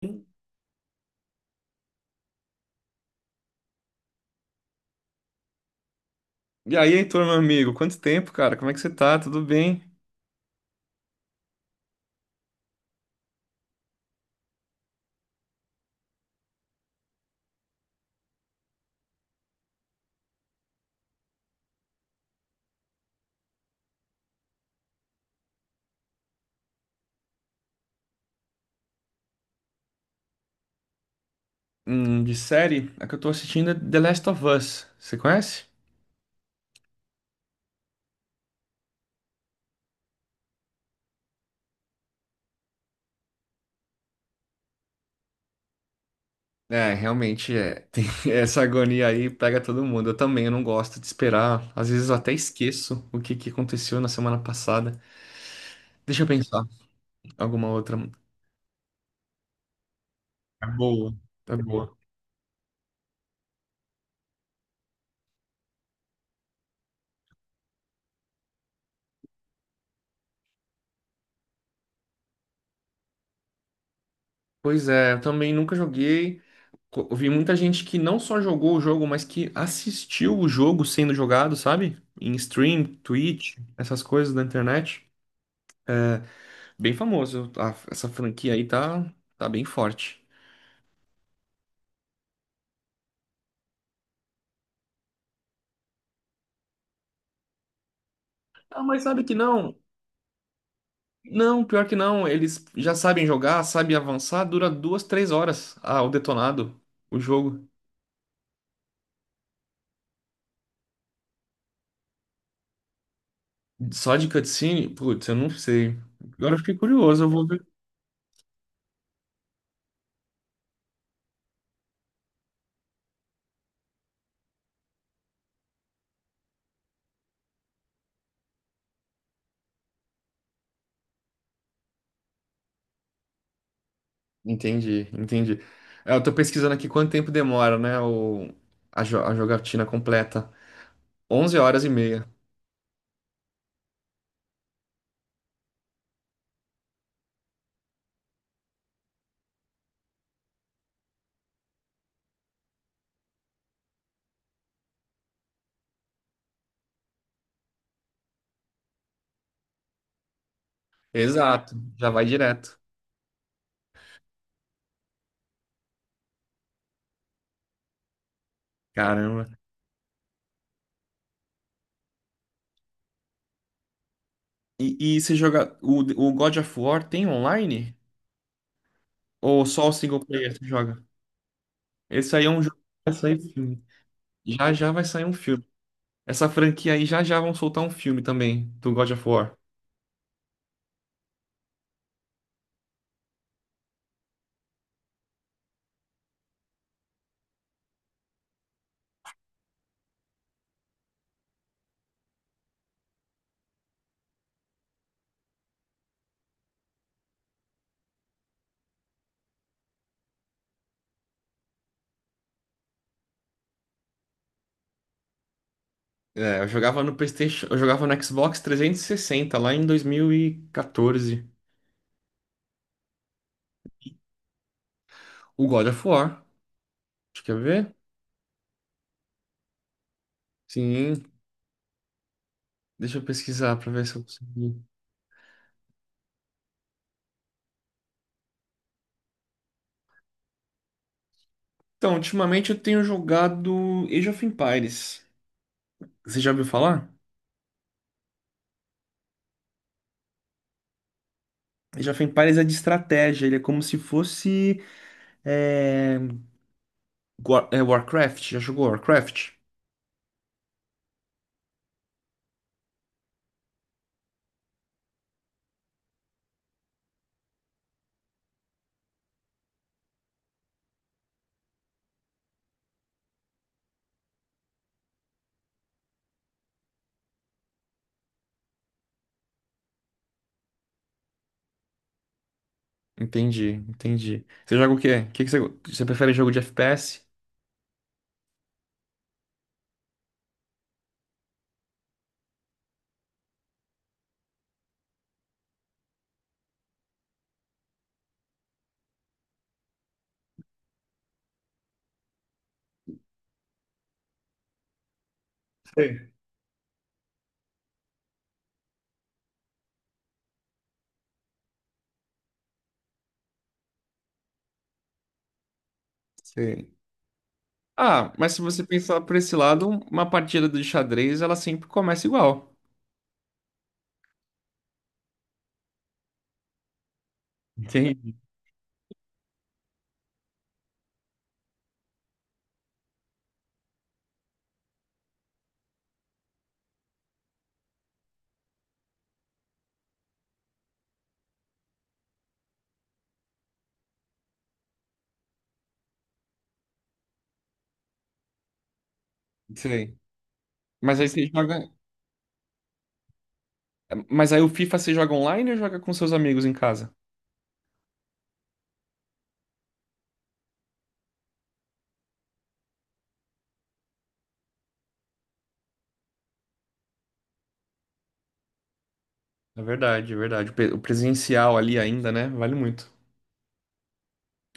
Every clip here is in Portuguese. E aí, turma, amigo, quanto tempo, cara? Como é que você tá? Tudo bem? De série, a que eu tô assistindo é The Last of Us. Você conhece? É, realmente é. Tem essa agonia aí pega todo mundo. Eu também, eu não gosto de esperar. Às vezes eu até esqueço o que que aconteceu na semana passada. Deixa eu pensar. Alguma outra. É boa. É boa. Pois é, eu também nunca joguei. Eu vi muita gente que não só jogou o jogo, mas que assistiu o jogo sendo jogado, sabe? Em stream, Twitch, essas coisas da internet. Bem famoso. Essa franquia aí tá, tá bem forte. Ah, mas sabe que não? Não, pior que não. Eles já sabem jogar, sabem avançar. Dura duas, três horas. Ah, o detonado. O jogo. Só de cutscene? Putz, eu não sei. Agora eu fiquei curioso. Eu vou. Entendi, entendi. É, eu tô pesquisando aqui quanto tempo demora, né, o, a, a jogatina completa. 11 horas e meia. Exato, já vai direto. Caramba. E você joga... O, o God of War tem online? Ou só o single player você joga? Esse aí é um jogo que vai sair filme. Já já vai sair um filme. Essa franquia aí já já vão soltar um filme também, do God of War. É, eu jogava no PlayStation... Eu jogava no Xbox 360, lá em 2014. O God of War. Acho que quer ver? Sim, deixa eu pesquisar pra ver se eu consigo. Então, ultimamente eu tenho jogado Age of Empires. Você já ouviu falar? Age of Empires é de estratégia, ele é como se fosse é, Warcraft. Já jogou Warcraft? Entendi, entendi. Você joga o quê? O que que você, você prefere jogo de FPS? Sim. Sim. Ah, mas se você pensar por esse lado, uma partida de xadrez, ela sempre começa igual. Entendi. Sei. Mas aí você joga. Mas aí o FIFA você joga online ou joga com seus amigos em casa? É verdade, é verdade. O presencial ali ainda, né? Vale muito.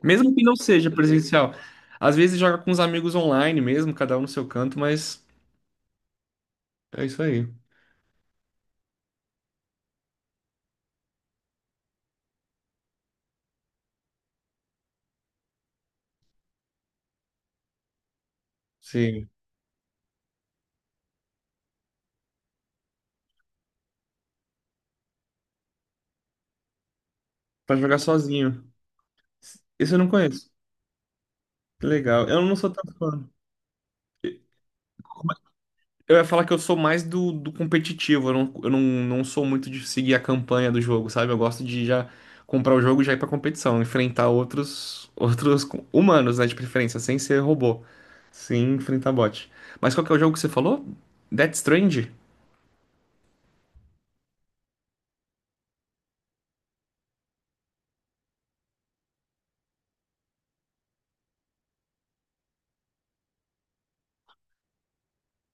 Mesmo que não seja presencial. Às vezes joga com os amigos online mesmo, cada um no seu canto, mas é isso aí. Sim. Pra jogar sozinho. Esse eu não conheço. Que legal. Eu não sou tão fã. Eu ia falar que eu sou mais do competitivo, eu não, não sou muito de seguir a campanha do jogo, sabe? Eu gosto de já comprar o jogo e já ir pra competição, enfrentar outros, humanos, né, de preferência, sem ser robô, sem enfrentar bot. Mas qual que é o jogo que você falou? Death Strange.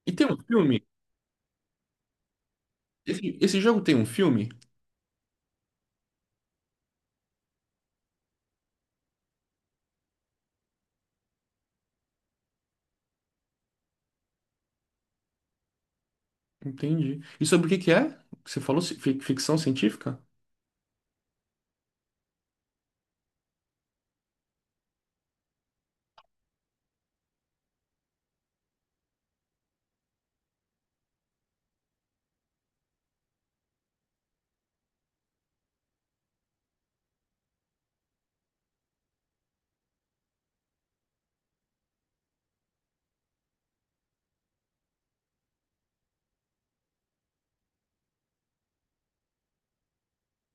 E tem um filme? Esse jogo tem um filme? Entendi. E sobre o que que é? Você falou ficção científica?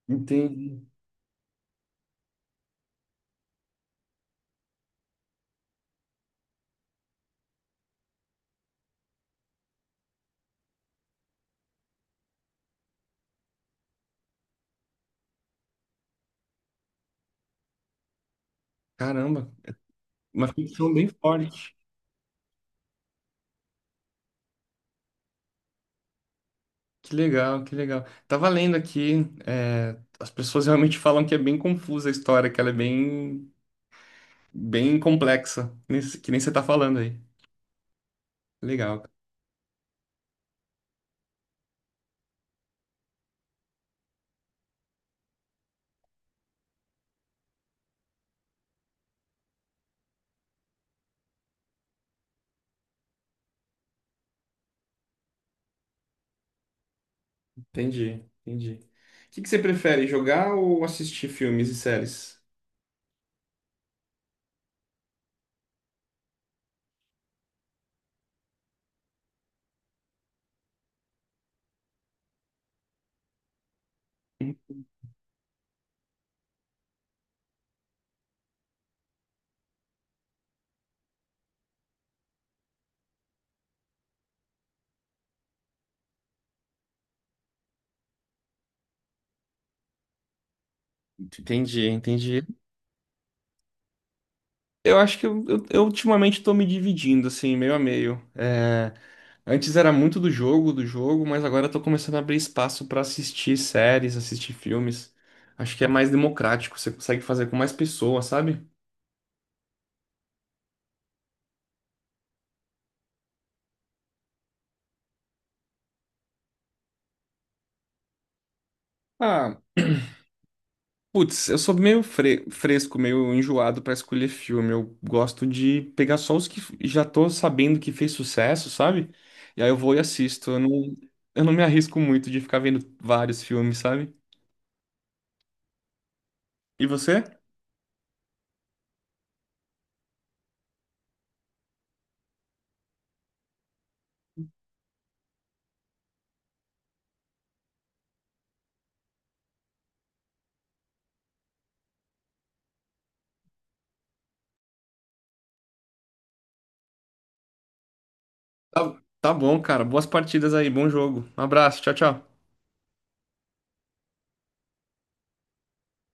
Entendi. Caramba, uma ficção bem forte. Que legal, que legal. Tava lendo aqui, é, as pessoas realmente falam que é bem confusa a história, que ela é bem, bem complexa, que nem você tá falando aí. Legal. Entendi, entendi. O que que você prefere, jogar ou assistir filmes e séries? Entendi, entendi. Eu acho que eu ultimamente tô me dividindo, assim, meio a meio. Antes era muito do jogo, mas agora eu tô começando a abrir espaço pra assistir séries, assistir filmes. Acho que é mais democrático, você consegue fazer com mais pessoas, sabe? Ah, putz, eu sou meio fresco, meio enjoado pra escolher filme. Eu gosto de pegar só os que já tô sabendo que fez sucesso, sabe? E aí eu vou e assisto. Eu não me arrisco muito de ficar vendo vários filmes, sabe? E você? Tá, tá bom, cara. Boas partidas aí, bom jogo. Um abraço, tchau, tchau.